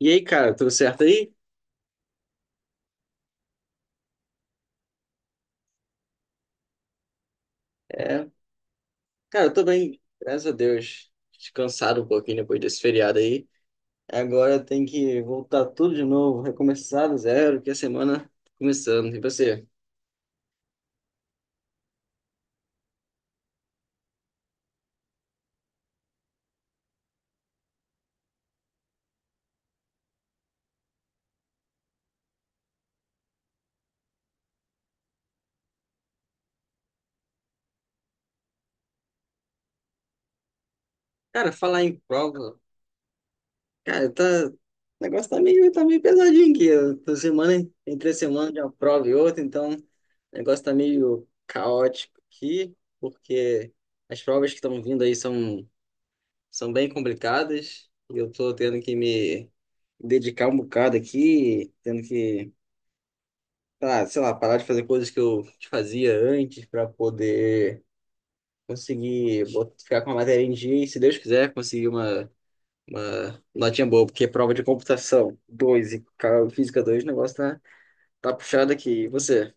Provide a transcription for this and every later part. E aí, cara, tudo certo aí? É, Cara, eu tô bem, graças a Deus. Descansado um pouquinho depois desse feriado aí. Agora tem que voltar tudo de novo, recomeçar do zero, que a semana tá começando. E você? Cara, falar em prova, cara, tá. O negócio tá meio pesadinho aqui. Eu tô semana, entre a semana de uma prova e outra, então o negócio tá meio caótico aqui, porque as provas que estão vindo aí são bem complicadas e eu tô tendo que me dedicar um bocado aqui, tendo que, sei lá, parar de fazer coisas que eu fazia antes para poder conseguir ficar com a matéria em dia e, se Deus quiser, conseguir uma notinha boa, porque prova de computação 2 e física 2 o negócio tá puxado aqui. E você?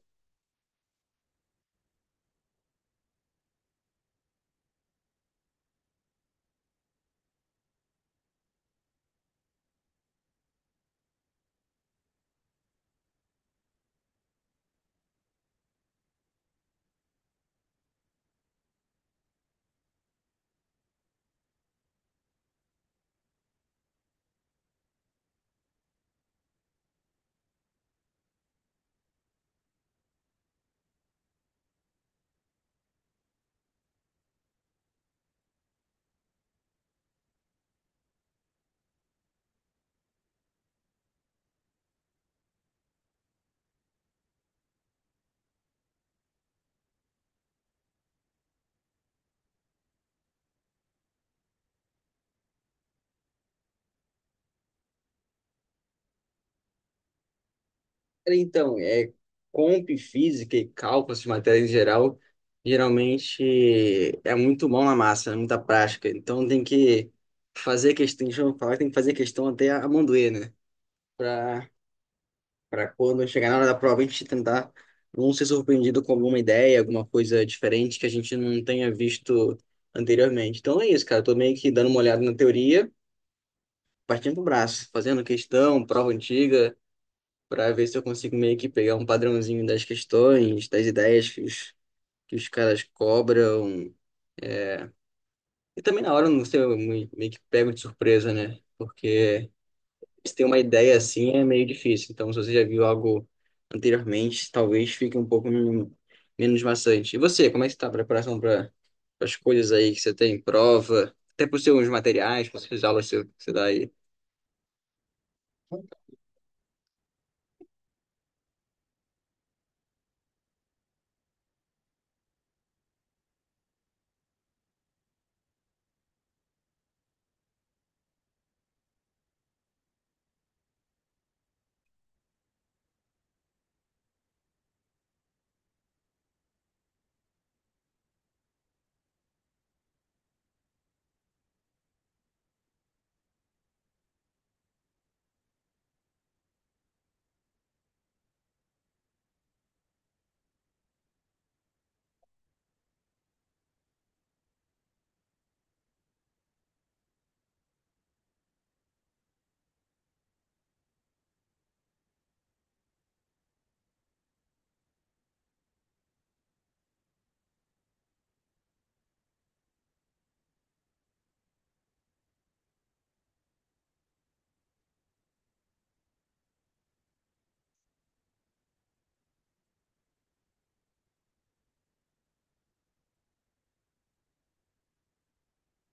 Então, é comp, física e cálculo, essas matérias em geral, geralmente é muito mão na massa, é muita prática. Então tem que fazer questão, deixa eu falar, tem que fazer questão até a mão doer, né? Para para quando chegar na hora da prova, a gente tentar não ser surpreendido com alguma ideia, alguma coisa diferente que a gente não tenha visto anteriormente. Então é isso, cara. Eu tô meio que dando uma olhada na teoria, partindo pro braço, fazendo questão, prova antiga para ver se eu consigo meio que pegar um padrãozinho das questões, das ideias que os caras cobram. E também na hora, eu não sei, eu meio que pego de surpresa, né? Porque se tem uma ideia assim é meio difícil. Então, se você já viu algo anteriormente, talvez fique um pouco menos maçante. E você, como é que está a preparação para as coisas aí que você tem, prova, até para os seus materiais, para as aulas que você dá aí?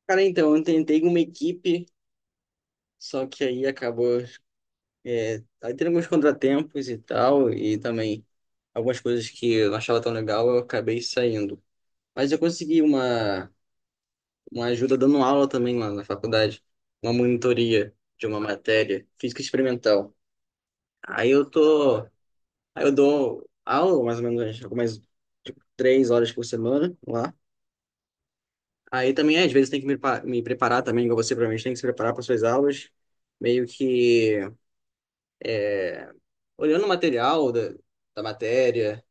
Cara, então, eu tentei uma equipe, só que aí acabou. Aí tem alguns contratempos e tal, e também algumas coisas que eu não achava tão legal, eu acabei saindo. Mas eu consegui uma ajuda dando aula também lá na faculdade, uma monitoria de uma matéria, física experimental. Aí eu tô, aí eu dou aula mais ou menos algumas tipo, 3 horas por semana lá. Aí também, às vezes, tem que me preparar também, igual você provavelmente tem que se preparar para suas aulas, meio que é, olhando o material da matéria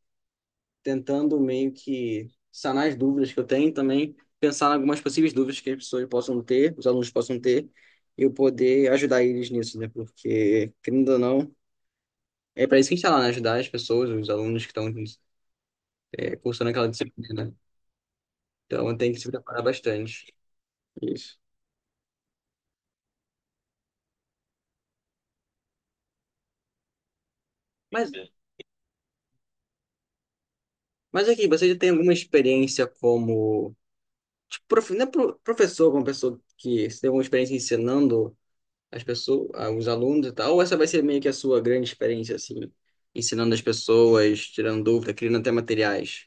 tentando meio que sanar as dúvidas que eu tenho, e também pensar em algumas possíveis dúvidas que as pessoas possam ter, os alunos possam ter, e eu poder ajudar eles nisso, né? Porque, querendo ou não, é para isso que a gente está lá, né? Ajudar as pessoas, os alunos que estão é, cursando aquela disciplina. Né? Então, tem que se preparar bastante. Isso. Mas, mas aqui, você já tem alguma experiência como tipo, não é professor, como pessoa que você tem alguma experiência ensinando as pessoas, ah, os alunos e tal, ou essa vai ser meio que a sua grande experiência, assim, ensinando as pessoas, tirando dúvida, criando até materiais?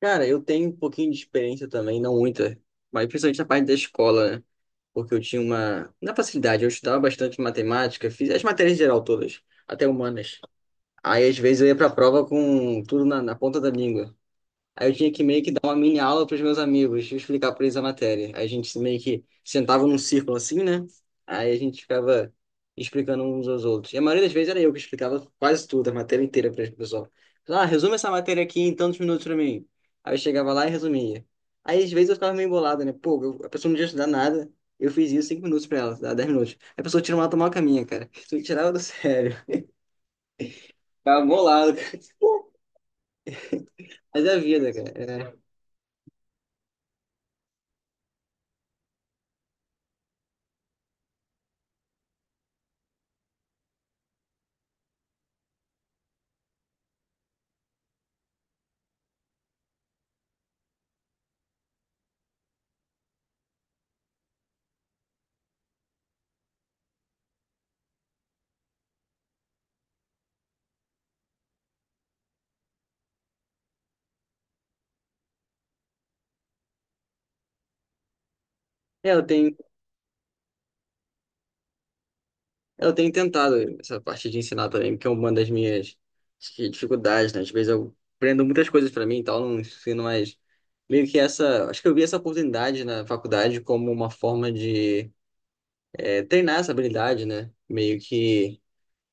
Cara, eu tenho um pouquinho de experiência também, não muita, mas principalmente na parte da escola, né? Porque eu tinha uma. Na facilidade, eu estudava bastante matemática, fiz as matérias em geral todas, até humanas. Aí, às vezes, eu ia pra prova com tudo na ponta da língua. Aí eu tinha que meio que dar uma mini aula para os meus amigos, explicar para eles a matéria. Aí a gente meio que sentava num círculo assim, né? Aí a gente ficava explicando uns aos outros. E a maioria das vezes era eu que explicava quase tudo, a matéria inteira para o pessoal. Ah, resume essa matéria aqui em tantos minutos para mim. Aí eu chegava lá e resumia. Aí às vezes eu ficava meio bolado, né? Pô, a pessoa não tinha estudado nada. Eu fiz isso 5 minutos para ela, dá 10 minutos. Aí a pessoa tirou uma tomar caminha, cara. Isso me tirava do sério. Ficava bolado, cara. Pô, mas é a vida, cara. É, eu tenho Eu tenho tentado essa parte de ensinar também, porque é uma das minhas acho que, dificuldades, né? Às vezes eu aprendo muitas coisas pra mim e tal, não ensino mais. Meio que essa. Acho que eu vi essa oportunidade na faculdade como uma forma de é, treinar essa habilidade, né? Meio que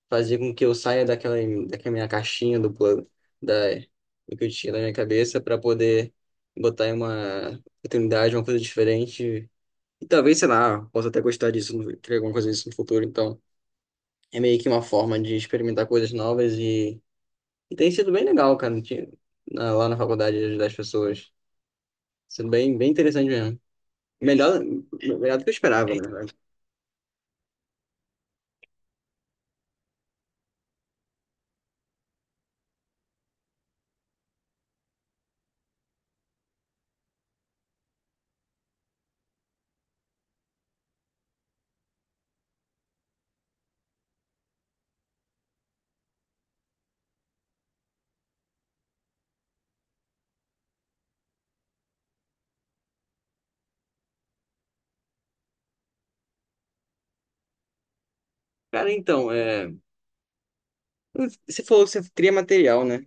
fazer com que eu saia daquela, daquela minha caixinha do plano, da, do que eu tinha na minha cabeça, pra poder botar em uma oportunidade, uma coisa diferente. E talvez, sei lá, possa até gostar disso, criar alguma coisa disso no futuro, então. É meio que uma forma de experimentar coisas novas e tem sido bem legal, cara, de- na- lá na faculdade ajudar as pessoas. Sido bem, bem interessante mesmo. Melhor, melhor do que eu esperava, na verdade. Cara, então, é, você falou que você cria material, né?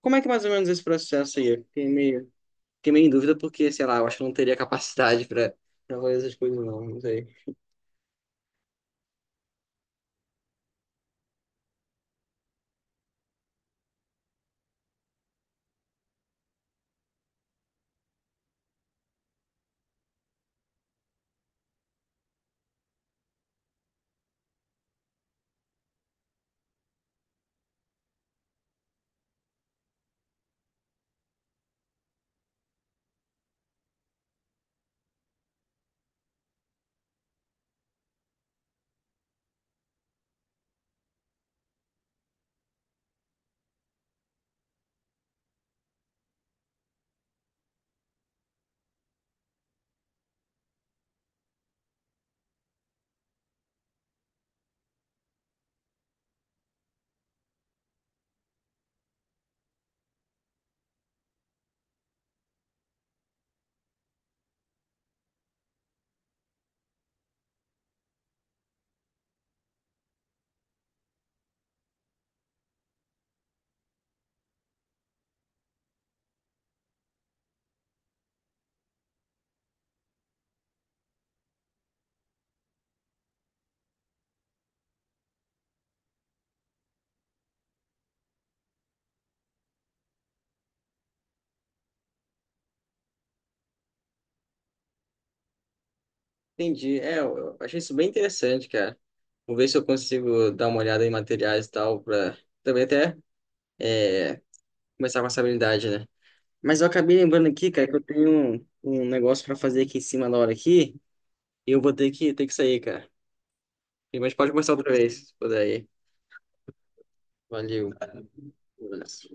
Como é que é mais ou menos esse processo aí? Eu fiquei meio em dúvida porque, sei lá, eu acho que eu não teria capacidade para fazer essas coisas, não, não sei. Entendi. É, eu achei isso bem interessante, cara. Vou ver se eu consigo dar uma olhada em materiais e tal, pra também até é, começar com essa habilidade, né? Mas eu acabei lembrando aqui, cara, que eu tenho um negócio pra fazer aqui em cima na hora aqui. E eu vou ter que, sair, cara. Mas pode começar outra vez, se puder aí. Valeu. Um abraço.